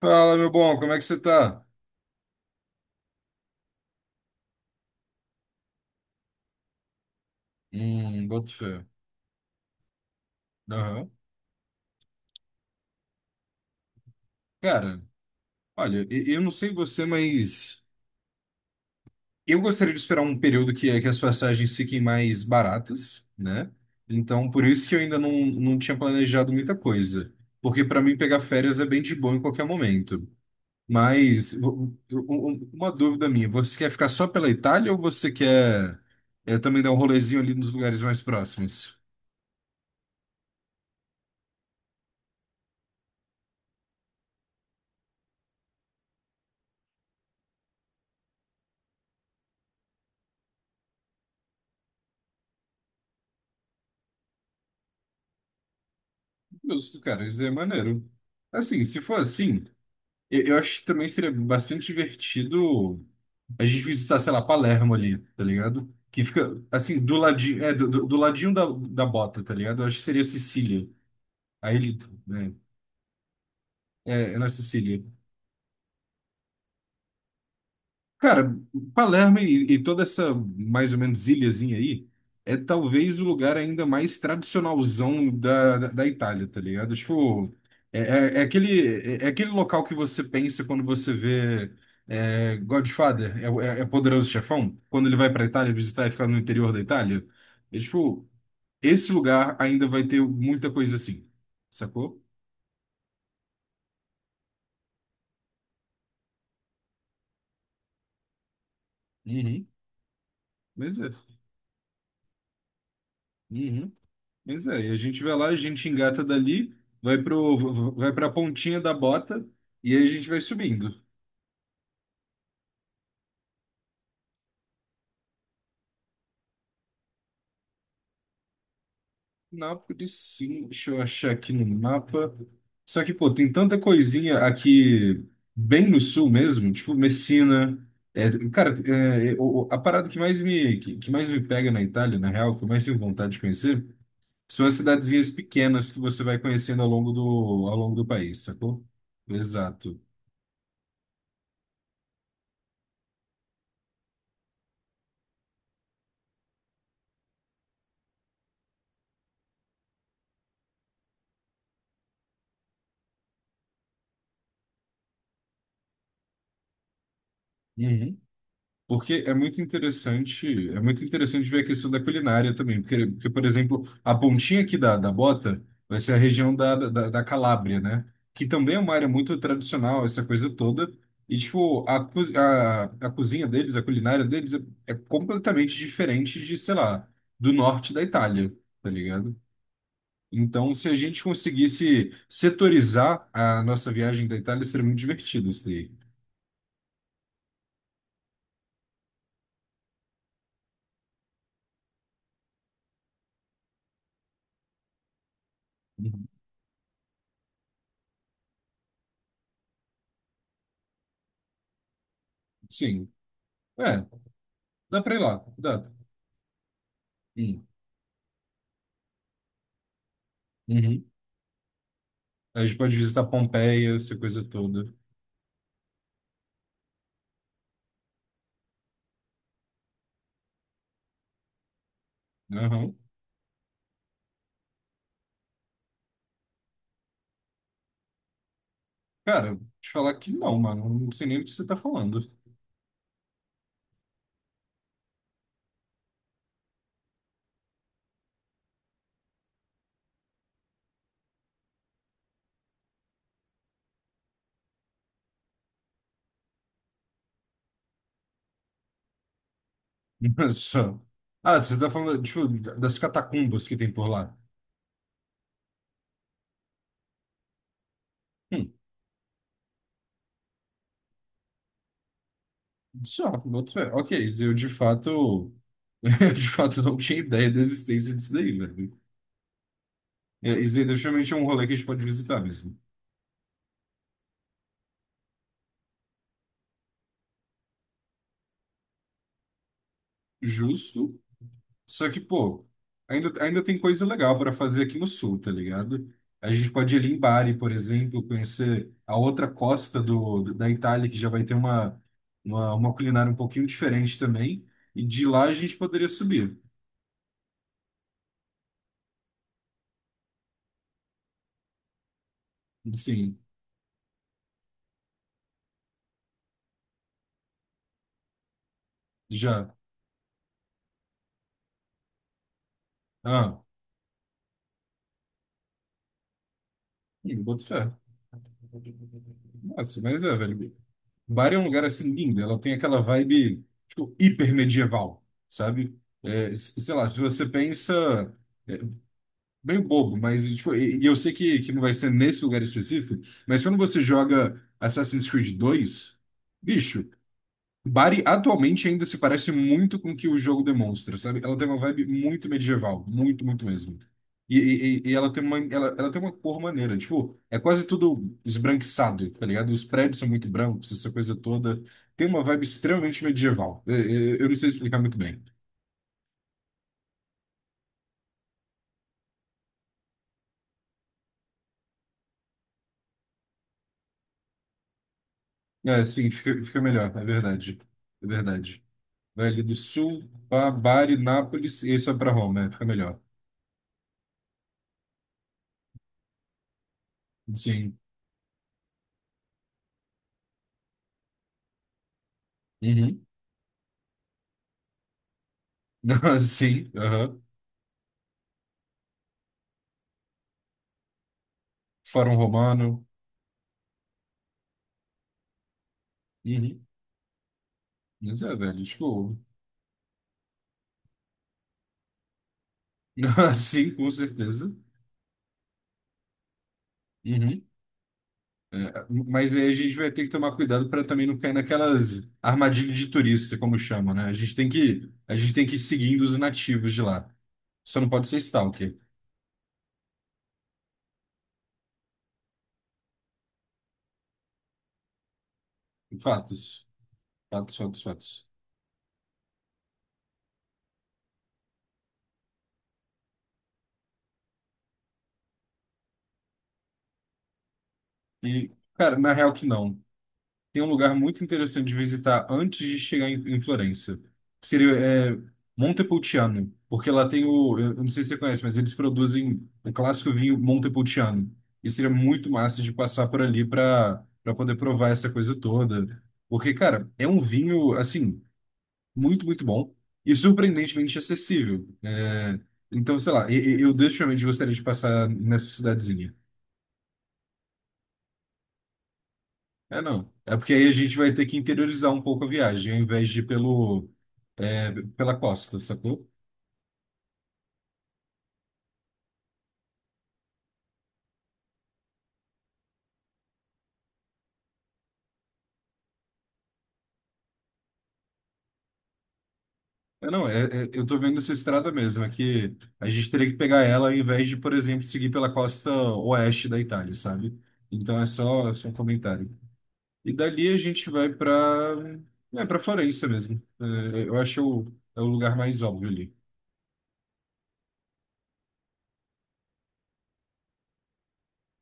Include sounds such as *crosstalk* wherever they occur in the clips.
Fala, meu bom, como é que você tá? Boto fé. Aham. Cara, olha, eu não sei você, mas eu gostaria de esperar um período que as passagens fiquem mais baratas, né? Então, por isso que eu ainda não tinha planejado muita coisa. Porque para mim pegar férias é bem de boa em qualquer momento. Mas uma dúvida minha, você quer ficar só pela Itália ou você quer também dar um rolezinho ali nos lugares mais próximos? Justo, cara, isso é maneiro. Assim, se for assim. Eu acho que também seria bastante divertido a gente visitar, sei lá, Palermo ali, tá ligado? Que fica, assim, do ladinho, do ladinho da bota, tá ligado? Eu acho que seria Sicília. Aí ele, né? É na Sicília. Cara, Palermo e toda essa mais ou menos ilhazinha aí é talvez o lugar ainda mais tradicionalzão da Itália, tá ligado? Tipo, é, é- é aquele, é aquele local que você pensa quando você vê Godfather, é Poderoso Chefão, quando ele vai pra Itália visitar e ficar no interior da Itália. É, tipo, esse lugar ainda vai ter muita coisa assim, sacou? Uhum. Mas é. Uhum. Pois é, e a gente vai lá, a gente engata dali, vai pra pontinha da bota e aí a gente vai subindo. Nápoles, sim, deixa eu achar aqui no mapa. Só que, pô, tem tanta coisinha aqui bem no sul mesmo, tipo Messina. É, cara, a parada que mais me pega na Itália, na real, que eu mais tenho vontade de conhecer, são as cidadezinhas pequenas que você vai conhecendo ao longo do país, sacou? Exato. Porque é muito interessante ver a questão da culinária também, porque, por exemplo, a pontinha aqui da bota vai ser a região da Calábria, né? Que também é uma área muito tradicional, essa coisa toda. E, tipo, a cozinha deles, a culinária deles é completamente diferente de, sei lá, do norte da Itália, tá ligado? Então, se a gente conseguisse setorizar a nossa viagem da Itália, seria muito divertido isso daí. Uhum. Sim. É, dá pra ir lá, dá. Uhum. Aí a gente pode visitar Pompeia, essa coisa toda. Aham. Cara, te falar que não, mano. Não sei nem o que você tá falando. *laughs* Só. Ah, você tá falando, tipo, das catacumbas que tem por lá. Hum, só, boto fé. Ok, eu de fato. *laughs* Eu de fato não tinha ideia da existência disso daí, velho. É, isso aí definitivamente é um rolê que a gente pode visitar mesmo. Justo. Só que, pô, ainda tem coisa legal para fazer aqui no sul, tá ligado? A gente pode ir ali em Bari, por exemplo, conhecer a outra costa da Itália, que já vai ter uma, uma culinária um pouquinho diferente também. E de lá a gente poderia subir. Sim, já. Ah, boto fé. Nossa, mas é, velho. Bari é um lugar assim lindo. Ela tem aquela vibe, tipo, hiper medieval, sabe? É, sei lá, se você pensa. Bem bobo, mas tipo, e eu sei que não vai ser nesse lugar específico, mas quando você joga Assassin's Creed dois, bicho, Bari atualmente ainda se parece muito com o que o jogo demonstra, sabe? Ela tem uma vibe muito medieval, muito, muito mesmo. E ela tem uma cor maneira, tipo, é quase tudo esbranquiçado, tá ligado? Os prédios são muito brancos, essa coisa toda. Tem uma vibe extremamente medieval. Eu não sei explicar muito bem. É, sim, fica melhor, é verdade. É verdade. Velho do Sul, Bari, Nápoles, esse é para Roma, né? Fica melhor. Sim. Uhum. *laughs* Sim, aham. Fórum Romano. Uhum. Mas é, velho, tipo... *laughs* Sim, com certeza. Uhum. É, mas aí a gente vai ter que tomar cuidado para também não cair naquelas armadilhas de turista, como chamam, né? A gente tem que ir seguindo os nativos de lá. Só não pode ser stalker. Fatos. Fatos, fatos, fatos. E, cara, na real que não. Tem um lugar muito interessante de visitar antes de chegar em Florença. Que seria é, Montepulciano, porque lá tem eu não sei se você conhece, mas eles produzem o clássico vinho Montepulciano. E seria muito massa de passar por ali para poder provar essa coisa toda, porque cara, é um vinho assim muito muito bom e surpreendentemente acessível. É, então, sei lá, eu definitivamente gostaria de passar nessa cidadezinha. É não. É porque aí a gente vai ter que interiorizar um pouco a viagem, ao invés de ir pela costa, sacou? É não, eu tô vendo essa estrada mesmo, é que a gente teria que pegar ela ao invés de, por exemplo, seguir pela costa oeste da Itália, sabe? Então é só um comentário. E dali a gente vai para Florença mesmo. É, eu acho é o lugar mais óbvio ali.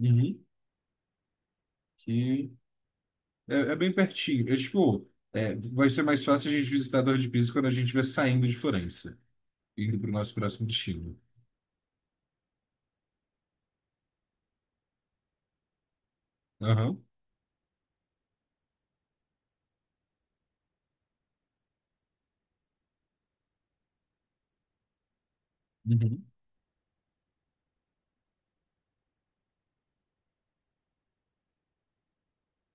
Uhum. Que é bem pertinho. Eu, tipo, vai ser mais fácil a gente visitar a Torre de Pisa quando a gente estiver saindo de Florença, indo para o nosso próximo destino. Aham. Uhum.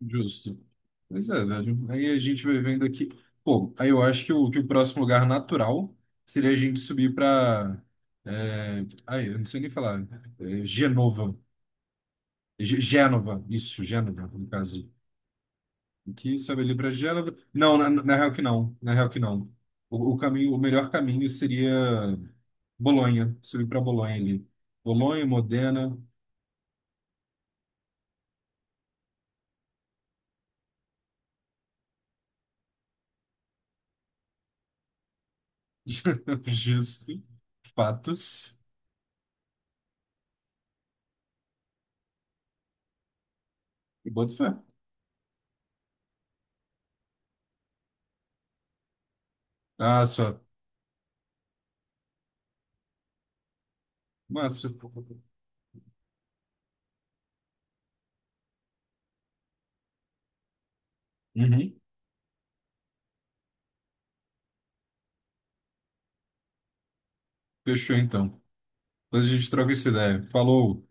Justo. Pois é, velho. Aí a gente vai vendo aqui. Pô, aí eu acho que o próximo lugar natural seria a gente subir para. Ai, eu não sei nem falar. É, Genova. Gênova. Isso, Gênova, no caso. Aqui sobe ali para Gênova. Não, na real que não. Na real que não. O caminho, o melhor caminho seria Bolonha. Subir para Bolonha ali. Bolonha, Modena. *laughs* Justo. Fatos. E boto fé. Ah, só. Massa. Uhum. Fechou então. Depois a gente troca essa ideia. Falou.